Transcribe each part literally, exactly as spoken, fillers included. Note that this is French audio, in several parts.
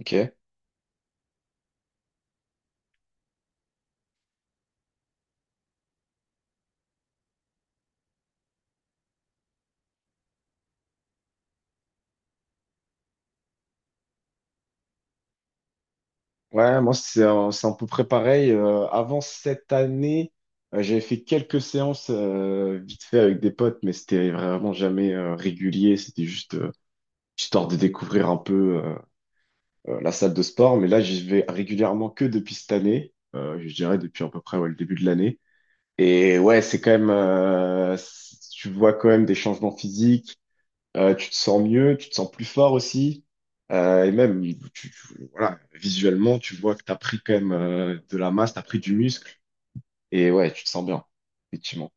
Ok. Ouais, moi, c'est un, c'est un peu près pareil. Euh, avant cette année, euh, j'avais fait quelques séances euh, vite fait avec des potes, mais c'était vraiment jamais euh, régulier. C'était juste euh, histoire de découvrir un peu euh, euh, la salle de sport. Mais là, j'y vais régulièrement que depuis cette année. Euh, je dirais depuis à peu près ouais, le début de l'année. Et ouais, c'est quand même, euh, c- tu vois quand même des changements physiques. Euh, tu te sens mieux, tu te sens plus fort aussi. Euh, et même, tu, tu- voilà, visuellement, tu vois que tu as pris quand même euh, de la masse, tu as pris du muscle. Et ouais, tu te sens bien, effectivement.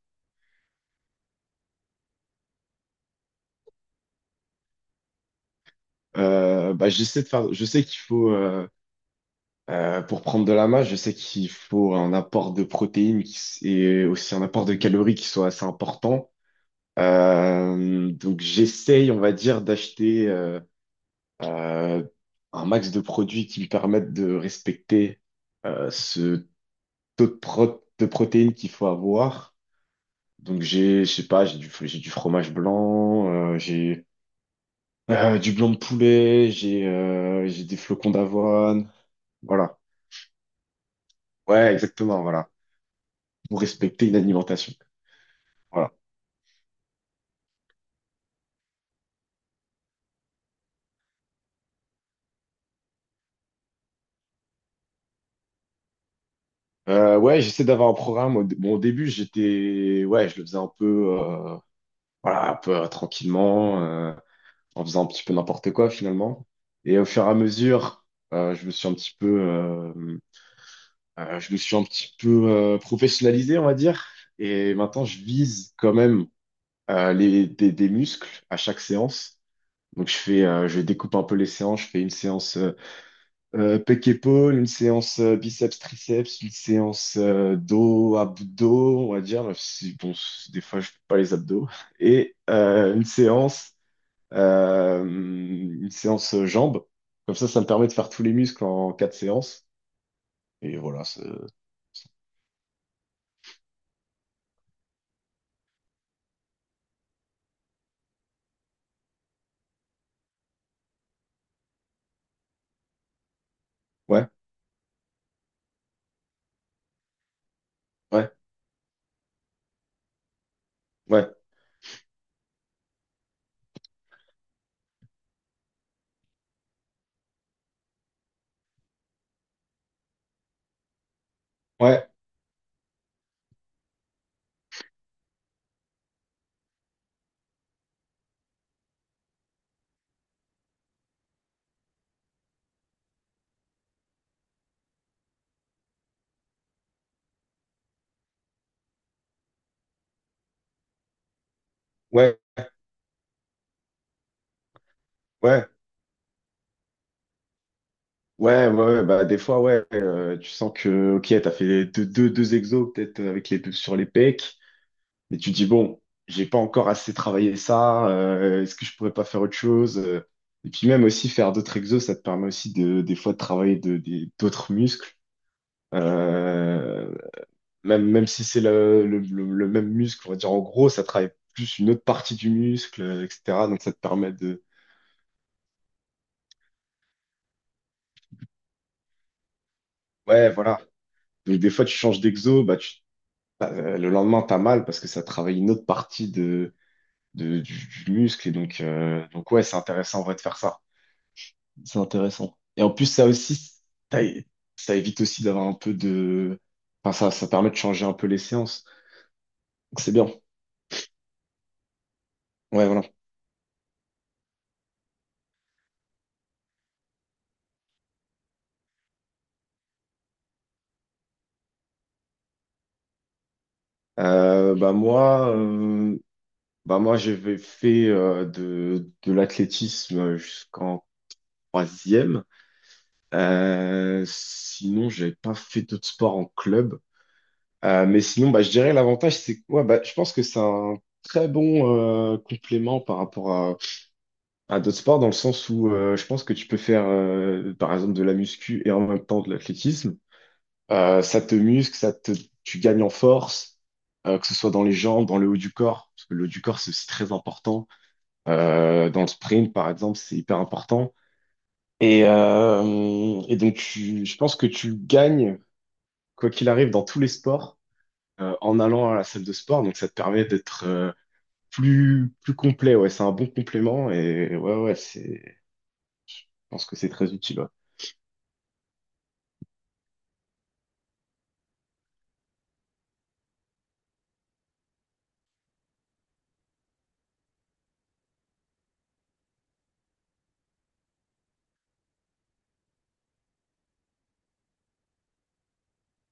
Euh, bah, j'essaie de faire, je sais qu'il faut, euh, euh, pour prendre de la masse, je sais qu'il faut un apport de protéines qui s- et aussi un apport de calories qui soit assez important. Euh, donc, j'essaye, on va dire, d'acheter euh, euh, un max de produits qui me permettent de respecter euh, ce taux de, pro- de protéines qu'il faut avoir. Donc j'ai, je sais pas, j'ai du, j'ai du fromage blanc, euh, j'ai euh, du blanc de poulet, j'ai euh, j'ai des flocons d'avoine. Voilà. Ouais, exactement, voilà. Pour respecter une alimentation. Voilà. Euh, ouais, j'essaie d'avoir un programme. Au, dé- bon, au début, j'étais, ouais, je le faisais un peu, euh, voilà, un peu euh, tranquillement, euh, en faisant un petit peu n'importe quoi finalement. Et au fur et à mesure, euh, je me suis un petit peu, euh, Euh, je me suis un petit peu euh, professionnalisé, on va dire. Et maintenant, je vise quand même euh, les, des, des muscles à chaque séance. Donc, je fais, euh, je découpe un peu les séances. Je fais une séance euh, euh, pec-épaule, une séance euh, biceps-triceps, une séance euh, dos, abdos, on va dire. Même si, bon, c- des fois, je fais pas les abdos. Et euh, une séance, euh, une séance euh, jambes. Comme ça, ça me permet de faire tous les muscles en quatre séances. Et voilà, c'est- ouais, ouais, ouais. Ouais, ouais, ouais, ouais, ouais, ouais, bah des fois, ouais, euh, tu sens que, ok, t'as fait deux, deux, deux exos peut-être euh, avec les deux sur les pecs, mais tu te dis, bon, j'ai pas encore assez travaillé ça, euh, est-ce que je pourrais pas faire autre chose? euh. Et puis même aussi faire d'autres exos, ça te permet aussi de, des fois de travailler de, des- d'autres muscles. Euh, Même, même si c'est le, le, le, le même muscle, on va dire en gros, ça travaille plus une autre partie du muscle, euh, et cetera. Donc ça te permet de, ouais, voilà. Donc des fois tu changes d'exo, bah tu Euh, le lendemain, t'as mal parce que ça travaille une autre partie de, de- du, du muscle. Et donc, euh, donc ouais, c'est intéressant en vrai de faire ça. C'est intéressant. Et en plus, ça aussi, ça, é- ça évite aussi d'avoir un peu de... Enfin, ça, ça permet de changer un peu les séances. Donc, c'est bien. Ouais, voilà. Euh, bah moi, euh, Bah moi j'avais fait euh, de, de l'athlétisme jusqu'en troisième. Euh, sinon, j'avais pas fait d'autres sports en club. Euh, mais sinon, bah, je dirais l'avantage, c'est quoi? Bah, je pense que c'est un très bon euh, complément par rapport à, à d'autres sports, dans le sens où euh, je pense que tu peux faire, euh, par exemple, de la muscu et en même temps de l'athlétisme. Euh, ça te muscle, ça te, tu gagnes en force, euh, que ce soit dans les jambes, dans le haut du corps, parce que le haut du corps, c'est aussi très important. Euh, dans le sprint, par exemple, c'est hyper important. Et, euh, et donc, tu- je pense que tu gagnes, quoi qu'il arrive, dans tous les sports. Euh, en allant à la salle de sport. Donc ça te permet d'être euh, plus, plus complet. Ouais, c'est un bon complément et ouais, ouais, c'est, je pense que c'est très utile. Ouais,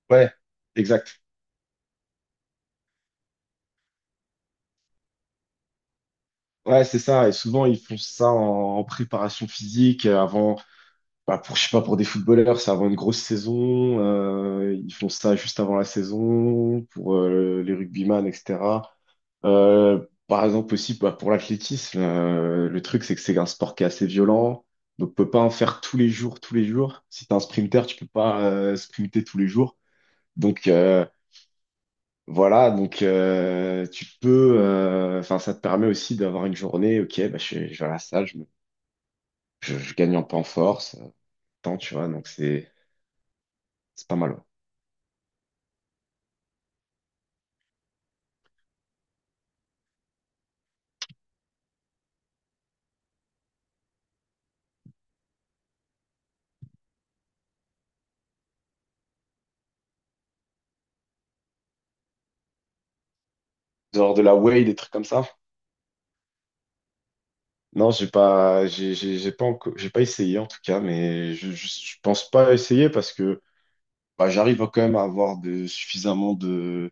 ouais, exact. Ouais, c'est ça. Et souvent, ils font ça en, en préparation physique euh, avant. Bah, pour, je sais pas, pour des footballeurs, c'est avant une grosse saison. Euh, ils font ça juste avant la saison, pour euh, les rugbyman, et cetera. Euh, par exemple aussi bah, pour l'athlétisme, euh, le truc c'est que c'est un sport qui est assez violent, donc on peut pas en faire tous les jours, tous les jours. Si t'es un sprinter, tu peux pas euh, sprinter tous les jours. Donc euh, voilà, donc euh, tu peux, euh, enfin ça te permet aussi d'avoir une journée, ok, bah, je, je vais à la salle, je, me- je, je gagne un peu en force, euh, tant tu vois, donc c'est c'est pas mal. Ouais. Genre de la whey, des trucs comme ça? Non, j'ai pas, j'ai j'ai- j'ai pas encore, j'ai pas essayé en tout cas, mais je, je, je pense pas essayer parce que bah, j'arrive quand même à avoir de, suffisamment de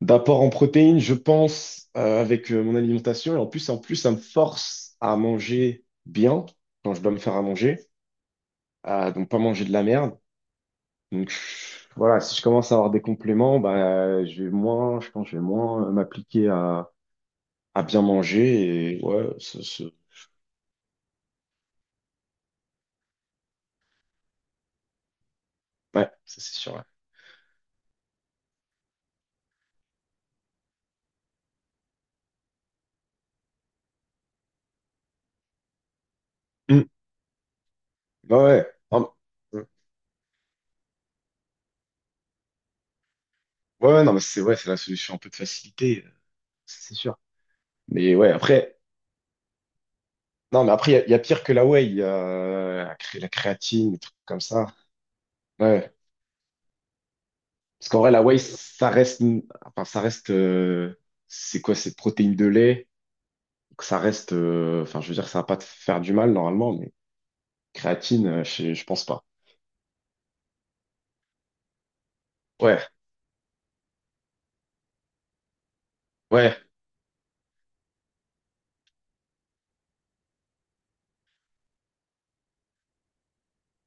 d'apport en protéines, je pense, euh, avec euh, mon alimentation. Et en plus, en plus, ça me force à manger bien quand je dois me faire à manger, euh, donc pas manger de la merde. Donc je- voilà, si je commence à avoir des compléments, bah, je vais moins, je pense, que je vais moins euh, m'appliquer à, à bien manger et ouais, ce, ce- ouais, ça c'est sûr. Ouais. Ouais, ouais. Non, ouais, ouais, non, mais c'est ouais, c'est la solution un peu de facilité, euh, c'est sûr. Mais ouais, après, non, mais après, il y, a il y a pire que la whey, il y a la, cré- la créatine, des trucs comme ça. Ouais. Parce qu'en vrai, la whey, ça reste, enfin, ça reste, euh, c'est quoi, c'est protéines de lait. Donc, ça reste, euh, enfin, je veux dire, ça va pas te faire du mal normalement, mais créatine, euh, je, je pense pas. Ouais, ouais,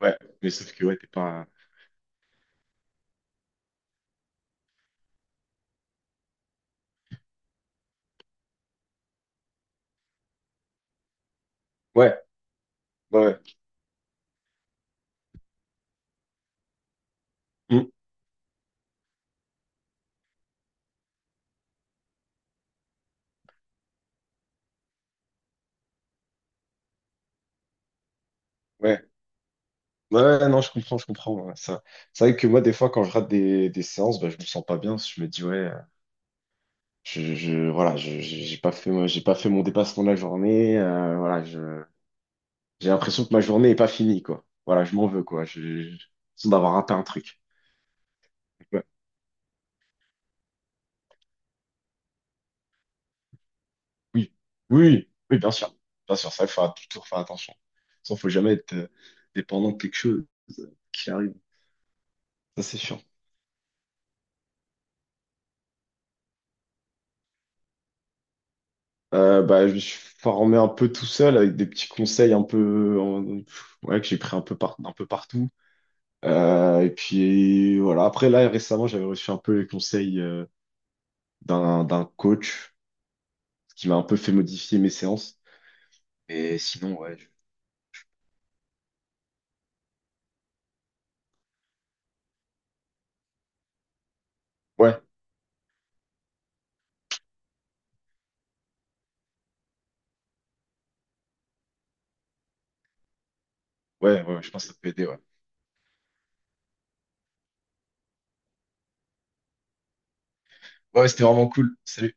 ouais. Mais sauf que ouais, t'es pas, ouais, ouais, ouais. Mm, ouais. Ouais, ouais, non, je comprends, je comprends. Ouais, ça. C'est vrai que moi, des fois, quand je rate des, des séances, bah, je me sens pas bien. Je me dis, ouais, euh, je, je, voilà, je, je- j'ai pas fait, moi, j'ai pas fait mon dépassement de la journée. Euh, voilà, je, j'ai l'impression que ma journée est pas finie, quoi. Voilà, je m'en veux, quoi. Je, je- j'ai l'impression d'avoir raté un truc. Ouais, oui, oui, oui, bien sûr. Bien sûr, ça, il faut toujours faire attention. Ça, faut jamais être euh, dépendant de quelque chose euh, qui arrive. Ça, c'est sûr. Euh, bah, je me suis formé un peu tout seul avec des petits conseils un peu en- ouais, que j'ai pris un peu par, un peu partout. Euh, et puis voilà, après là récemment j'avais reçu un peu les conseils euh, d'un d'un coach ce qui m'a un peu fait modifier mes séances. Et sinon ouais, je- ouais, ouais, ouais, je pense que ça peut aider ouais. Ouais, c'était vraiment cool. Salut.